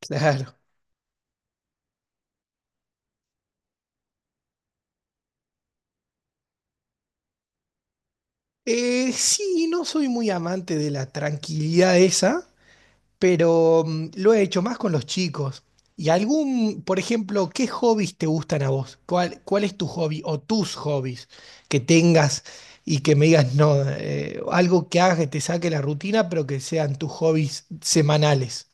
Claro. Sí, no soy muy amante de la tranquilidad esa, pero lo he hecho más con los chicos. ¿Y algún, por ejemplo, qué hobbies te gustan a vos? ¿Cuál es tu hobby o tus hobbies que tengas y que me digas, no, algo que hagas que te saque la rutina, pero que sean tus hobbies semanales?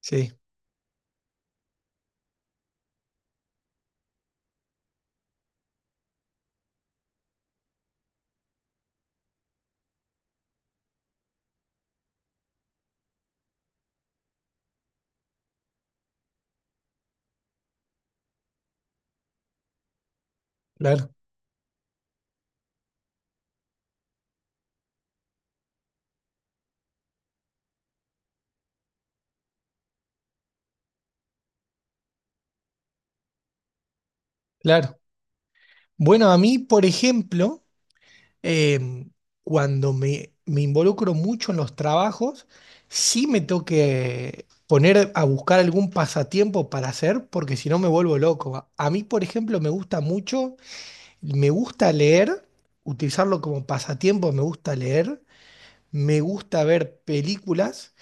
Sí, claro, claro. Bueno, a mí, por ejemplo... eh, cuando me involucro mucho en los trabajos, sí me tengo que poner a buscar algún pasatiempo para hacer, porque si no me vuelvo loco. A mí, por ejemplo, me gusta mucho, me gusta leer, utilizarlo como pasatiempo, me gusta leer, me gusta ver películas,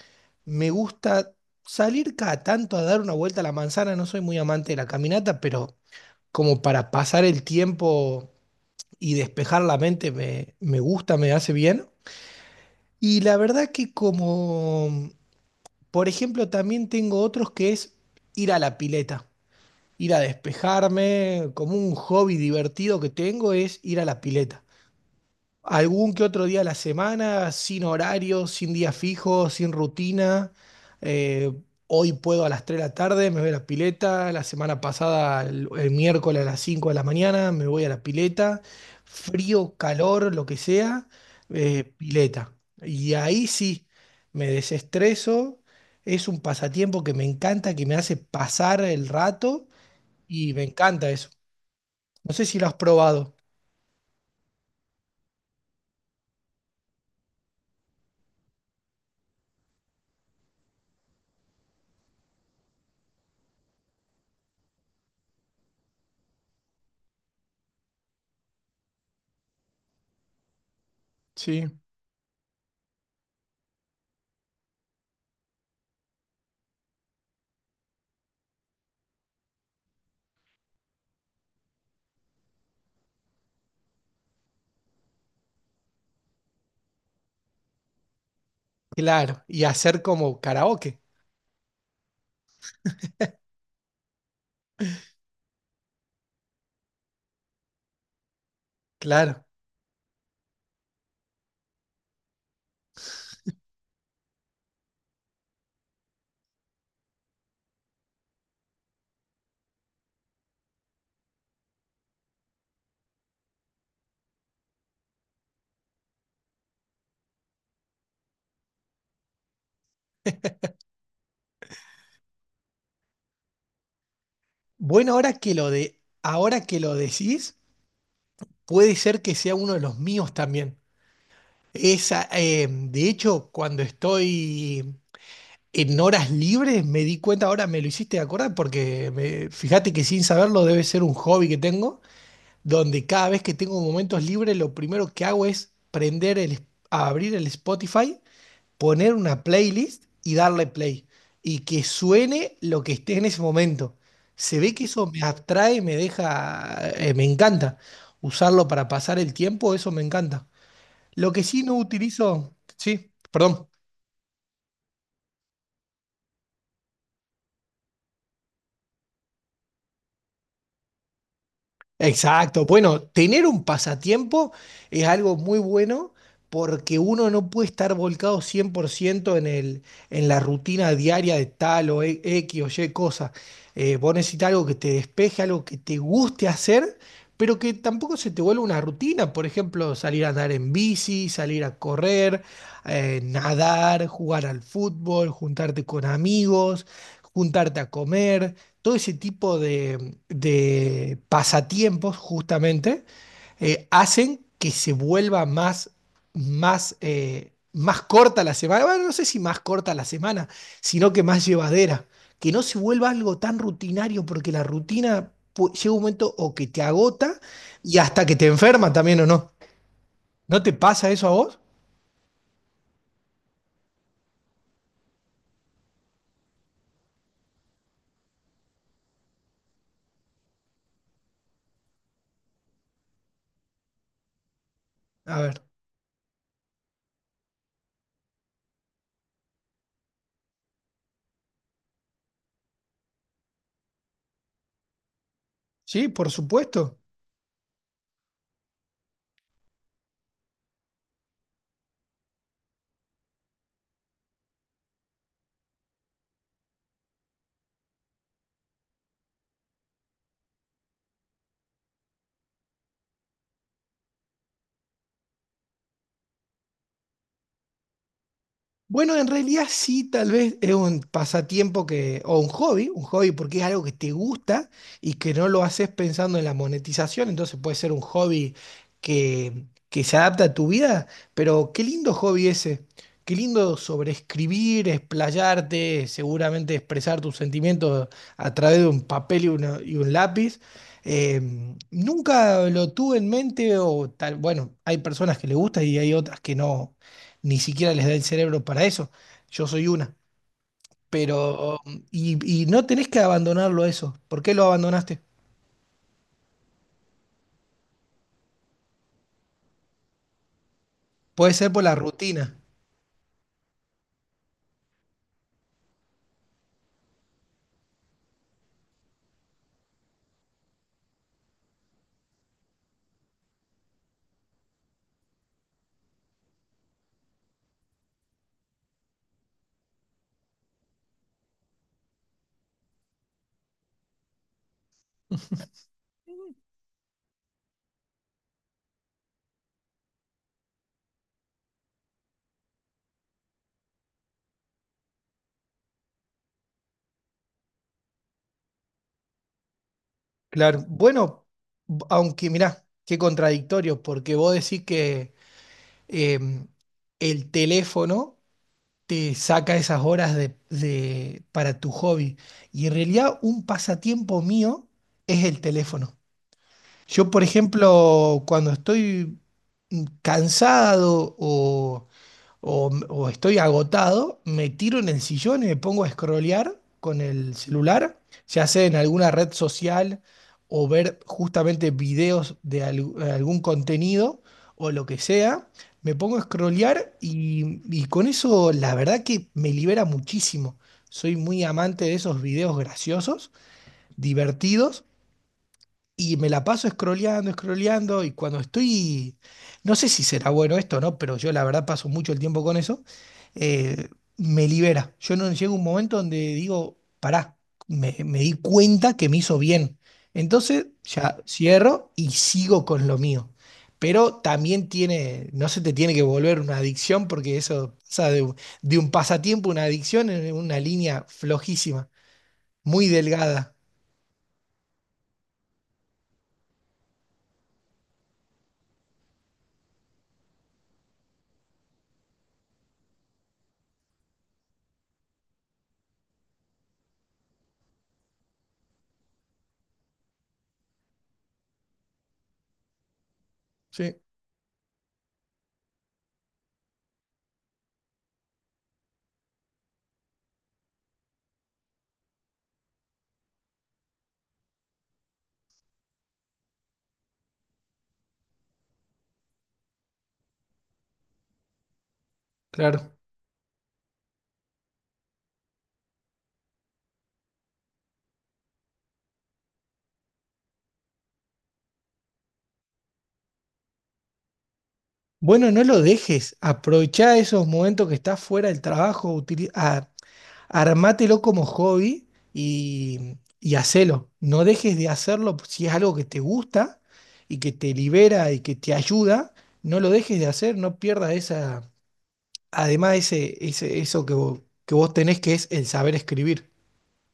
me gusta salir cada tanto a dar una vuelta a la manzana, no soy muy amante de la caminata, pero como para pasar el tiempo y despejar la mente me gusta, me hace bien. Y la verdad que como, por ejemplo, también tengo otros que es ir a la pileta, ir a despejarme, como un hobby divertido que tengo es ir a la pileta. Algún que otro día a la semana, sin horario, sin día fijo, sin rutina. Eh, hoy puedo a las 3 de la tarde, me voy a la pileta. La semana pasada, el miércoles a las 5 de la mañana, me voy a la pileta. Frío, calor, lo que sea, pileta. Y ahí sí, me desestreso. Es un pasatiempo que me encanta, que me hace pasar el rato y me encanta eso. No sé si lo has probado. Sí. Claro, y hacer como karaoke. Claro. Bueno, ahora que lo decís, puede ser que sea uno de los míos también. Esa, de hecho, cuando estoy en horas libres, me di cuenta, ahora me lo hiciste acordar, porque fíjate que sin saberlo debe ser un hobby que tengo, donde cada vez que tengo momentos libres, lo primero que hago es abrir el Spotify, poner una playlist y darle play y que suene lo que esté en ese momento. Se ve que eso me atrae, me deja, me encanta. Usarlo para pasar el tiempo, eso me encanta. Lo que sí no utilizo, sí, perdón. Exacto. Bueno, tener un pasatiempo es algo muy bueno porque uno no puede estar volcado 100% en en la rutina diaria de tal o X o Y cosa. Vos necesitas algo que te despeje, algo que te guste hacer, pero que tampoco se te vuelva una rutina. Por ejemplo, salir a andar en bici, salir a correr, nadar, jugar al fútbol, juntarte con amigos, juntarte a comer todo ese tipo de pasatiempos justamente hacen que se vuelva más, más corta la semana. Bueno, no sé si más corta la semana, sino que más llevadera. Que no se vuelva algo tan rutinario, porque la rutina llega un momento o que te agota y hasta que te enferma también o no. ¿No te pasa eso a vos? A ver, sí, por supuesto. Bueno, en realidad sí, tal vez es un pasatiempo que, o un hobby porque es algo que te gusta y que no lo haces pensando en la monetización, entonces puede ser un hobby que se adapta a tu vida, pero qué lindo hobby ese, qué lindo sobreescribir, explayarte, seguramente expresar tus sentimientos a través de un papel y un lápiz. Eh, nunca lo tuve en mente o tal, bueno, hay personas que le gusta y hay otras que no ni siquiera les da el cerebro para eso. Yo soy una. Pero, y no tenés que abandonarlo eso. ¿Por qué lo abandonaste? Puede ser por la rutina. Claro. Bueno, aunque mirá, qué contradictorio, porque vos decís que em, el teléfono te saca esas horas para tu hobby. Y en realidad un pasatiempo mío es el teléfono. Yo, por ejemplo, cuando estoy cansado o estoy agotado, me tiro en el sillón y me pongo a scrollear con el celular, ya sea en alguna red social o ver justamente videos de algún contenido o lo que sea. Me pongo a scrollear y con eso la verdad que me libera muchísimo. Soy muy amante de esos videos graciosos, divertidos y me la paso scrolleando, scrolleando, y cuando estoy, no sé si será bueno esto, ¿no? Pero yo la verdad paso mucho el tiempo con eso, eh, me libera. Yo no llego a un momento donde digo, pará, me di cuenta que me hizo bien. Entonces ya cierro y sigo con lo mío. Pero también tiene, no se te tiene que volver una adicción porque eso pasa de un pasatiempo, a una adicción en una línea flojísima, muy delgada. Sí, claro. Bueno, no lo dejes. Aprovechá esos momentos que estás fuera del trabajo. Armátelo como hobby y hacelo. No dejes de hacerlo si es algo que te gusta y que te libera y que te ayuda. No lo dejes de hacer, no pierdas esa, además eso que vos tenés que es el saber escribir.